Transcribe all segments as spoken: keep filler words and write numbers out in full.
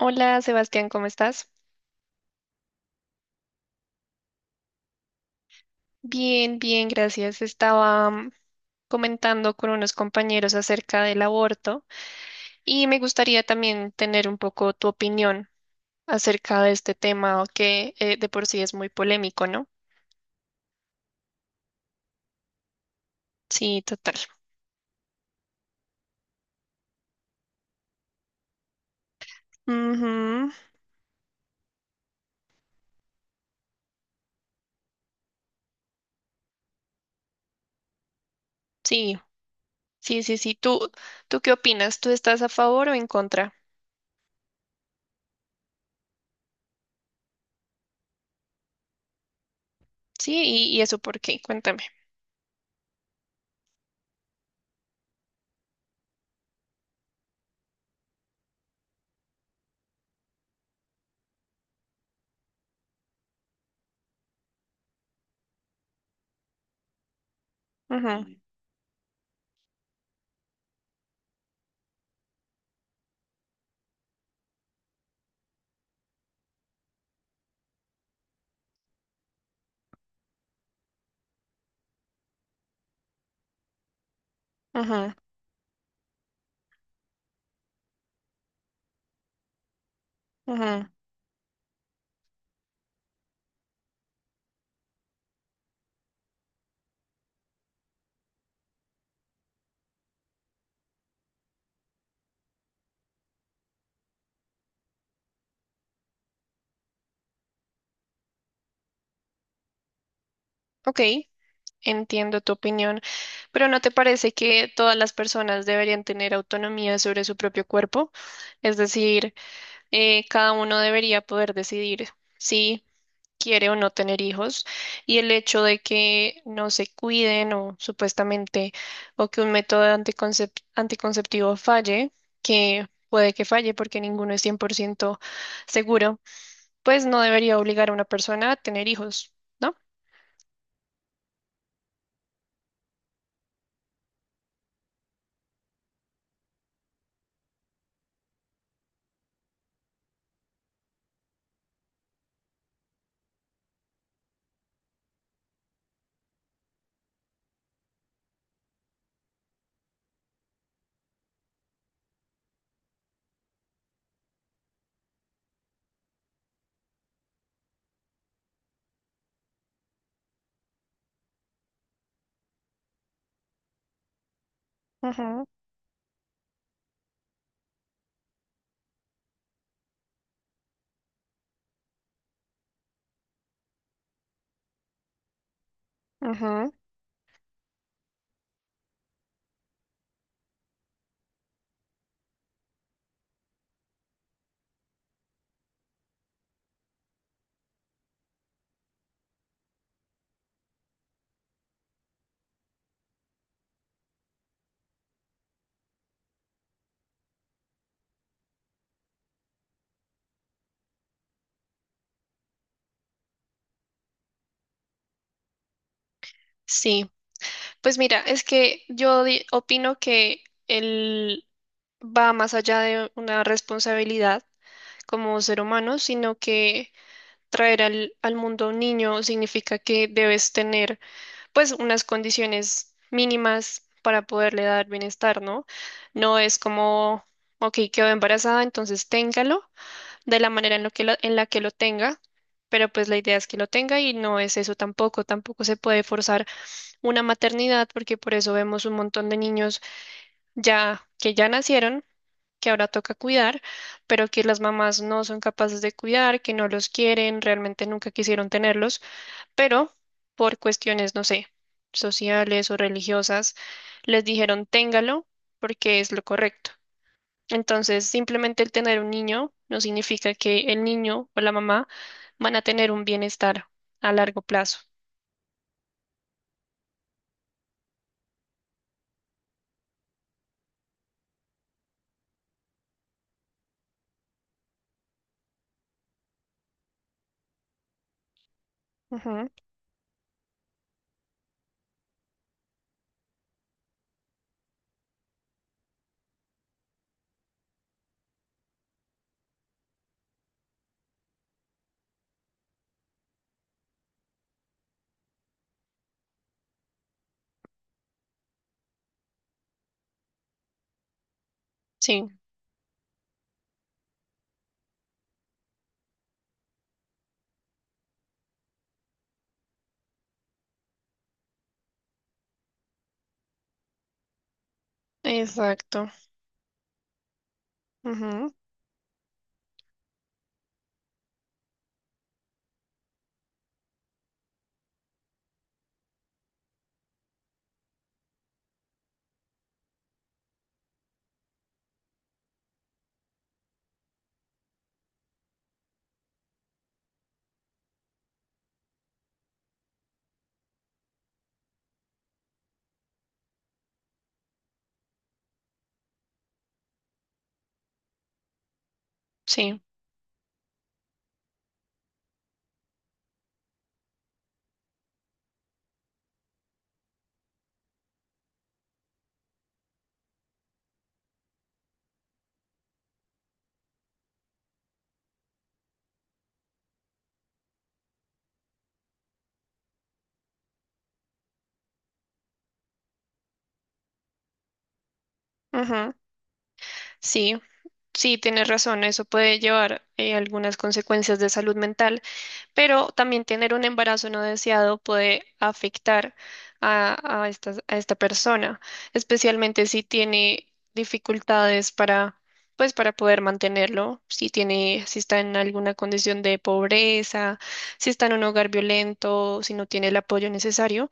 Hola Sebastián, ¿cómo estás? Bien, bien, gracias. Estaba mm, comentando con unos compañeros acerca del aborto y me gustaría también tener un poco tu opinión acerca de este tema que eh, de por sí es muy polémico, ¿no? Sí, total. Ujú. Sí, sí, sí, sí. ¿Tú, tú qué opinas? ¿Tú estás a favor o en contra? Sí, y, y eso por qué? Cuéntame. Ujú, Mm, ujú, ujú. Ok. Entiendo tu opinión, pero ¿no te parece que todas las personas deberían tener autonomía sobre su propio cuerpo? Es decir, eh, cada uno debería poder decidir si quiere o no tener hijos y el hecho de que no se cuiden o supuestamente o que un método anticoncep- anticonceptivo falle, que puede que falle porque ninguno es cien por ciento seguro, pues no debería obligar a una persona a tener hijos, ¿no? Ujú, ujú. Sí. Pues mira, es que yo di- opino que él va más allá de una responsabilidad como ser humano, sino que traer al, al mundo un niño significa que debes tener pues unas condiciones mínimas para poderle dar bienestar, ¿no? No es como, ok, quedó embarazada, entonces téngalo de la manera en, lo que lo- en la que lo tenga, pero pues la idea es que lo tenga y no es eso tampoco, tampoco se puede forzar una maternidad, porque por eso vemos un montón de niños ya que ya nacieron, que ahora toca cuidar, pero que las mamás no son capaces de cuidar, que no los quieren, realmente nunca quisieron tenerlos, pero por cuestiones, no sé, sociales o religiosas, les dijeron téngalo porque es lo correcto. Entonces, simplemente el tener un niño no significa que el niño o la mamá van a tener un bienestar a largo plazo. Ujú, sí, exacto. Ujú. Sí, ujú. Sí, sí, tienes razón, eso puede llevar eh, algunas consecuencias de salud mental, pero también tener un embarazo no deseado puede afectar a, a estas- a esta persona, especialmente si tiene dificultades para, pues, para poder mantenerlo, si tiene, si está en alguna condición de pobreza, si está en un hogar violento, si no tiene el apoyo necesario.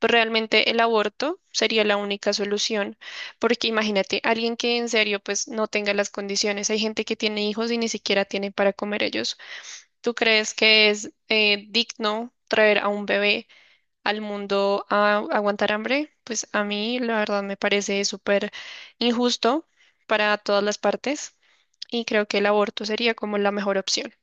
Pues realmente el aborto sería la única solución, porque imagínate, alguien que en serio pues no tenga las condiciones, hay gente que tiene hijos y ni siquiera tiene para comer ellos. ¿Tú crees que es eh, digno traer a un bebé al mundo a aguantar hambre? Pues a mí la verdad me parece súper injusto para todas las partes y creo que el aborto sería como la mejor opción.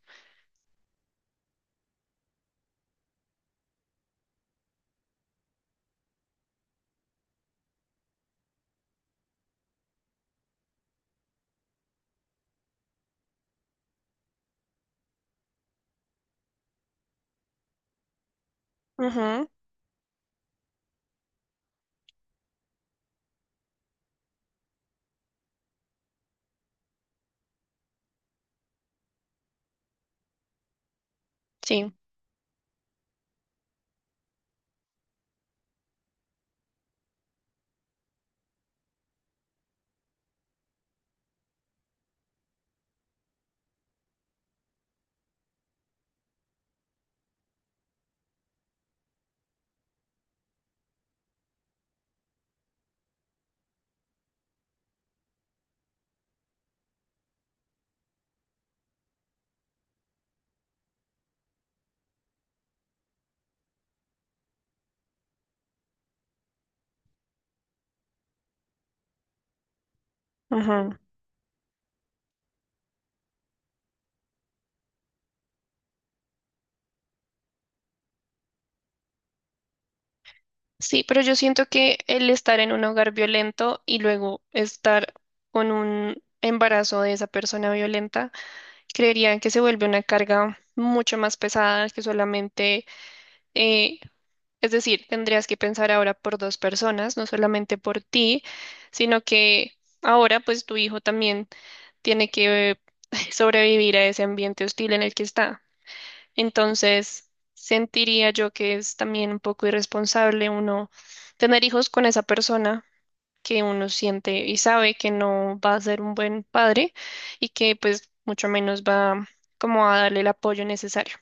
Ujú, sí. Ujú. Sí, pero yo siento que el estar en un hogar violento y luego estar con un embarazo de esa persona violenta creerían que se vuelve una carga mucho más pesada que solamente, eh, es decir, tendrías que pensar ahora por dos personas, no solamente por ti, sino que ahora pues tu hijo también tiene que eh, sobrevivir a ese ambiente hostil en el que está. Entonces, sentiría yo que es también un poco irresponsable uno tener hijos con esa persona que uno siente y sabe que no va a ser un buen padre y que pues mucho menos va como a darle el apoyo necesario.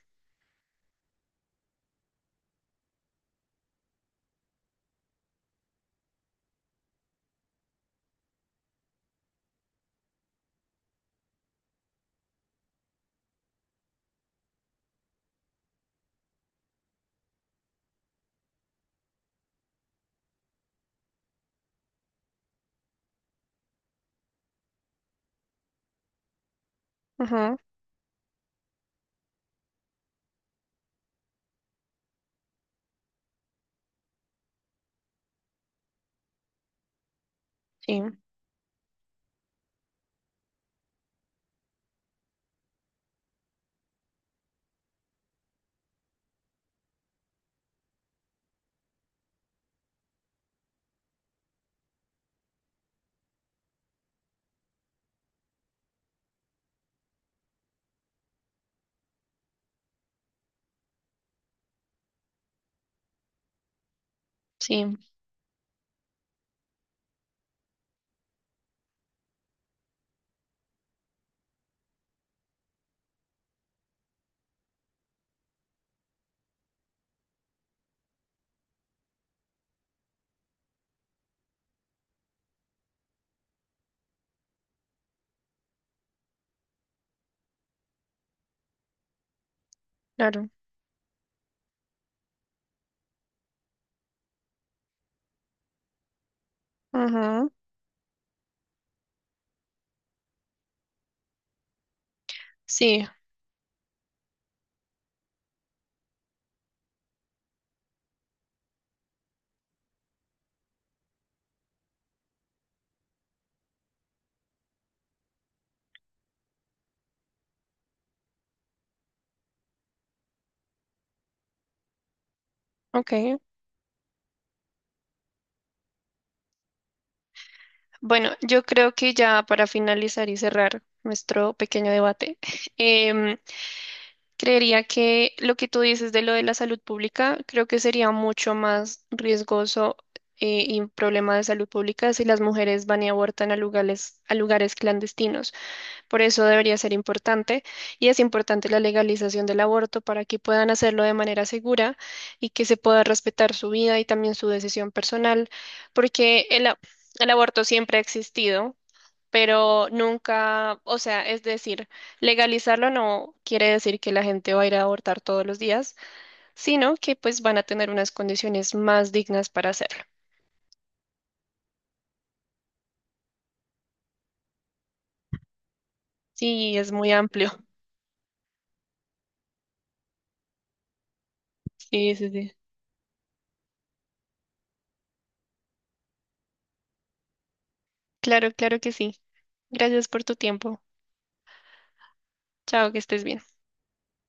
Ujú, sí, sí, claro. Ujú, sí, ok. Bueno, yo creo que ya para finalizar y cerrar nuestro pequeño debate, em, creería que lo que tú dices de lo de la salud pública, creo que sería mucho más riesgoso eh, y un problema de salud pública si las mujeres van y abortan a lugares, a lugares clandestinos. Por eso debería ser importante y es importante la legalización del aborto para que puedan hacerlo de manera segura y que se pueda respetar su vida y también su decisión personal, porque el, a- el aborto siempre ha existido, pero nunca, o sea, es decir, legalizarlo no quiere decir que la gente va a ir a abortar todos los días, sino que pues van a tener unas condiciones más dignas para hacerlo. Sí, es muy amplio. Sí, sí, sí. Claro, claro que sí. Gracias por tu tiempo. Chao, que estés bien.